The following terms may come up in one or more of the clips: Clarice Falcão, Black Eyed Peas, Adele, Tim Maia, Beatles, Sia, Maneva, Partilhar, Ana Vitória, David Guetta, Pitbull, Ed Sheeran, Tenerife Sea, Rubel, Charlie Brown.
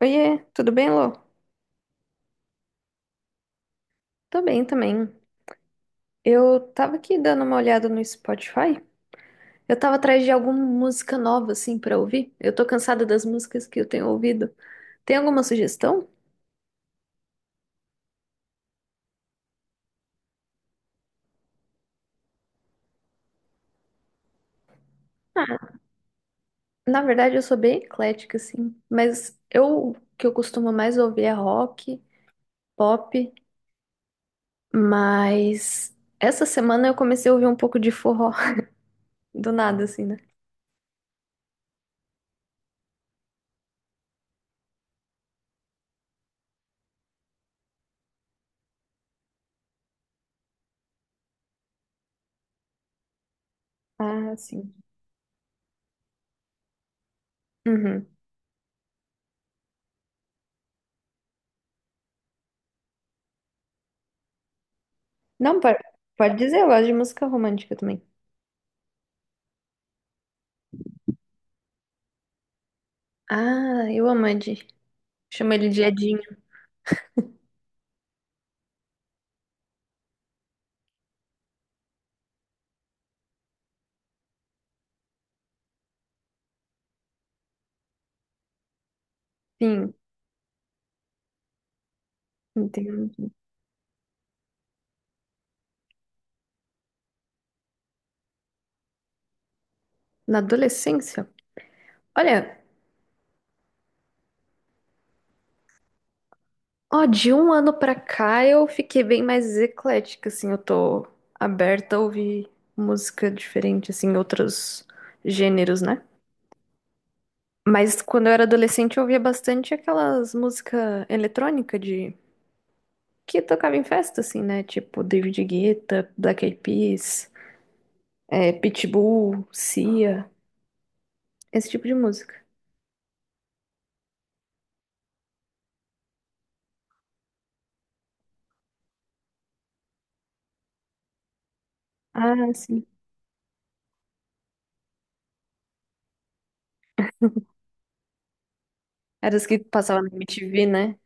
Oiê, tudo bem, Lô? Tô bem também. Eu tava aqui dando uma olhada no Spotify. Eu tava atrás de alguma música nova, assim, pra ouvir. Eu tô cansada das músicas que eu tenho ouvido. Tem alguma sugestão? Na verdade, eu sou bem eclética, assim. Mas eu, o que eu costumo mais ouvir é rock, pop. Mas essa semana eu comecei a ouvir um pouco de forró. Do nada, assim, né? Ah, sim. Uhum. Não, pode dizer, eu gosto de música romântica também. Ah, eu amo Ed. Chama ele de Edinho. Sim, entendo. Na adolescência? Olha, ó, de um ano pra cá eu fiquei bem mais eclética, assim, eu tô aberta a ouvir música diferente, assim, outros gêneros, né? Mas quando eu era adolescente eu ouvia bastante aquelas músicas eletrônicas de, que tocava em festa, assim, né? Tipo David Guetta, Black Eyed Peas, Pitbull, Sia, esse tipo de música. Ah, sim. Era as que passavam na MTV, né?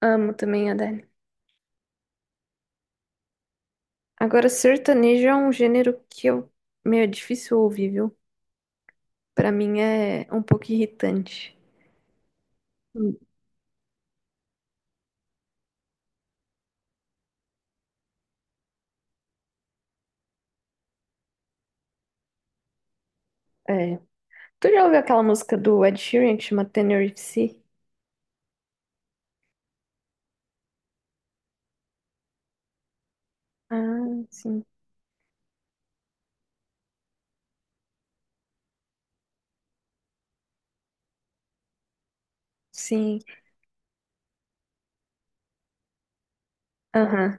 Amo também a Adele. Agora, sertanejo é um gênero que eu meio difícil ouvir, viu? Pra mim é um pouco irritante. Hum. É. Tu já ouviu aquela música do Ed Sheeran que chama Tenerife? Sea? Ah, sim. Sim. Aham.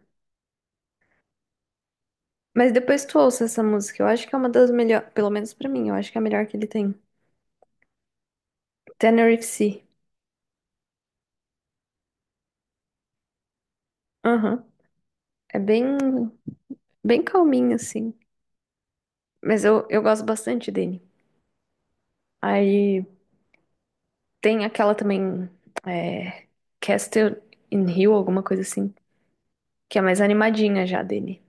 Mas depois tu ouça essa música. Eu acho que é uma das melhores, pelo menos pra mim, eu acho que é a melhor que ele tem. Tenerife Sea. Aham. É bem, bem calminho, assim. Mas eu gosto bastante dele. Aí, tem aquela também, é, Castle in Hill, alguma coisa assim, que é mais animadinha já dele.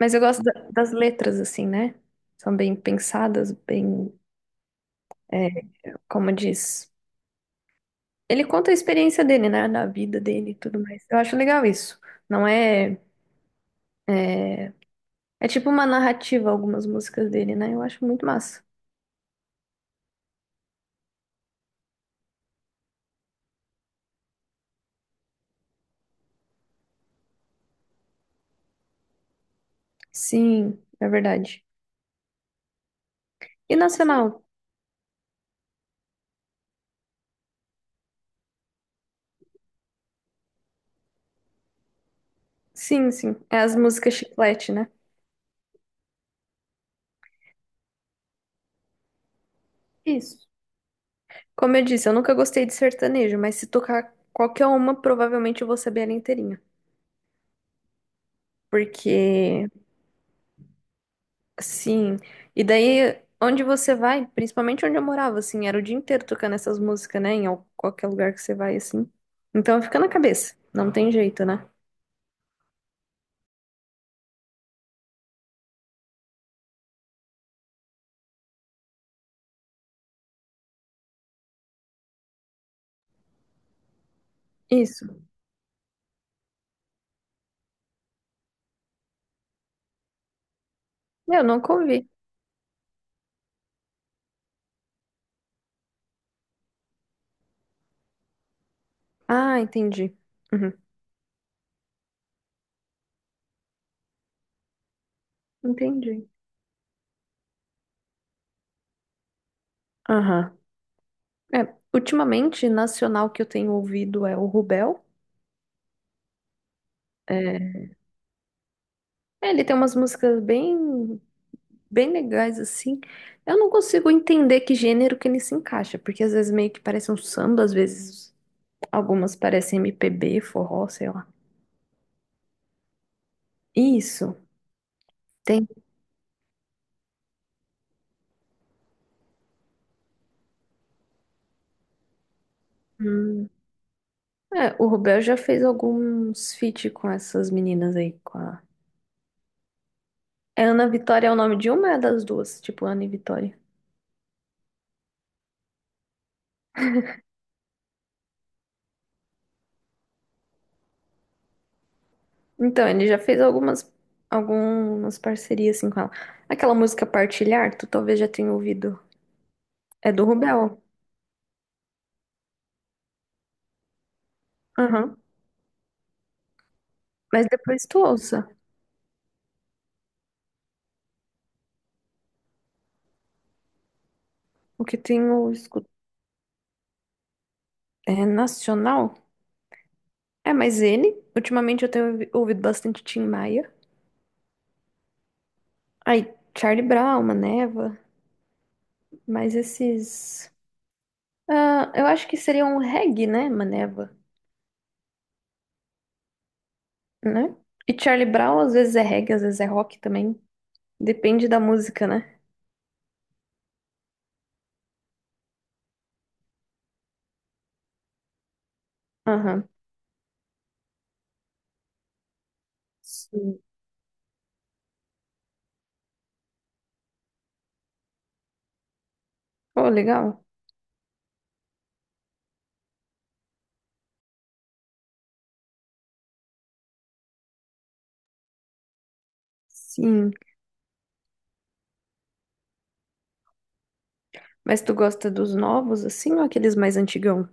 Mas eu gosto das letras, assim, né? São bem pensadas, bem, é, como diz. Ele conta a experiência dele, né? Da vida dele e tudo mais. Eu acho legal isso. Não é. É tipo uma narrativa, algumas músicas dele, né? Eu acho muito massa. Sim, é verdade. E nacional? Sim, sim. É as músicas chiclete, né? Isso. Como eu disse, eu nunca gostei de sertanejo, mas se tocar qualquer uma, provavelmente eu vou saber ela inteirinha. Porque, assim, e daí onde você vai, principalmente onde eu morava, assim, era o dia inteiro tocando essas músicas, né? Em qualquer lugar que você vai, assim. Então fica na cabeça, não tem jeito, né? Isso. Eu nunca ouvi. Ah, entendi. Uhum. Entendi. Aham. É, ultimamente, nacional que eu tenho ouvido é o Rubel. É, ele tem umas músicas bem bem legais, assim. Eu não consigo entender que gênero que ele se encaixa, porque às vezes meio que parece um samba, às vezes algumas parecem MPB, forró, sei lá. Isso. Tem. hum, o Rubel já fez alguns feat com essas meninas aí, com a. Ana Vitória é o nome de uma, das duas, tipo Ana e Vitória. Então, ele já fez algumas parcerias assim com ela. Aquela música Partilhar, tu talvez já tenha ouvido. É do Rubel. Aham. Mas depois tu ouça. O que tenho. É nacional? É, mas ele, ultimamente eu tenho ouvido bastante Tim Maia. Aí, Charlie Brown, Maneva, mas esses. Ah, eu acho que seria um reggae, né, Maneva, né? E Charlie Brown às vezes é reggae, às vezes é rock também. Depende da música, né? Aham. Sim. Oh, legal. Sim. Mas tu gosta dos novos, assim, ou aqueles mais antigão?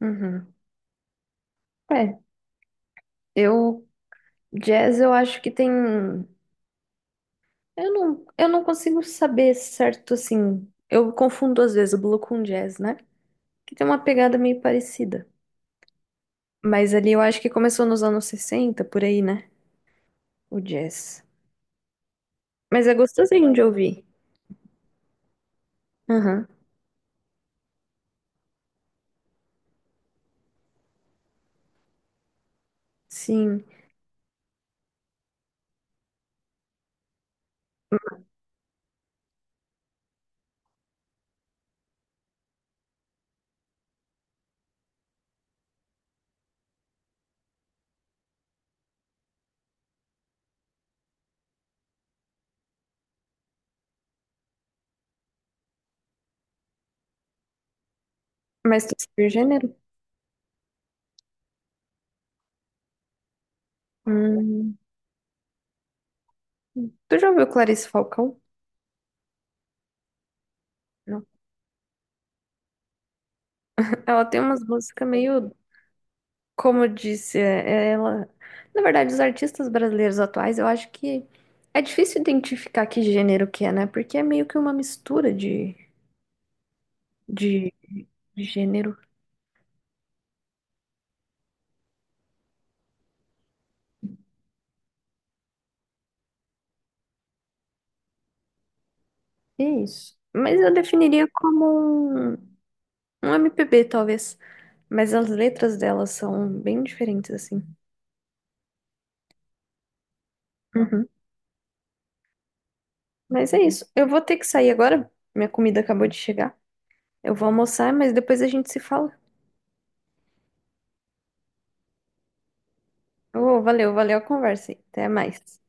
Uhum. É, eu. Jazz eu acho que tem. Eu não consigo saber certo, assim. Eu confundo às vezes o Blue com jazz, né? Que tem uma pegada meio parecida. Mas ali eu acho que começou nos anos 60 por aí, né? O jazz. Mas é gostosinho de ouvir. Aham, sim. Mas tu sabe o gênero? Hum. Tu já ouviu Clarice Falcão? Não. Ela tem umas músicas meio, como eu disse, é ela. Na verdade, os artistas brasileiros atuais, eu acho que é difícil identificar que gênero que é, né? Porque é meio que uma mistura de de gênero. É isso. Mas eu definiria como um MPB, talvez. Mas as letras delas são bem diferentes, assim. Uhum. Mas é isso. Eu vou ter que sair agora. Minha comida acabou de chegar. Eu vou almoçar, mas depois a gente se fala. Ô, valeu, valeu a conversa aí. Até mais.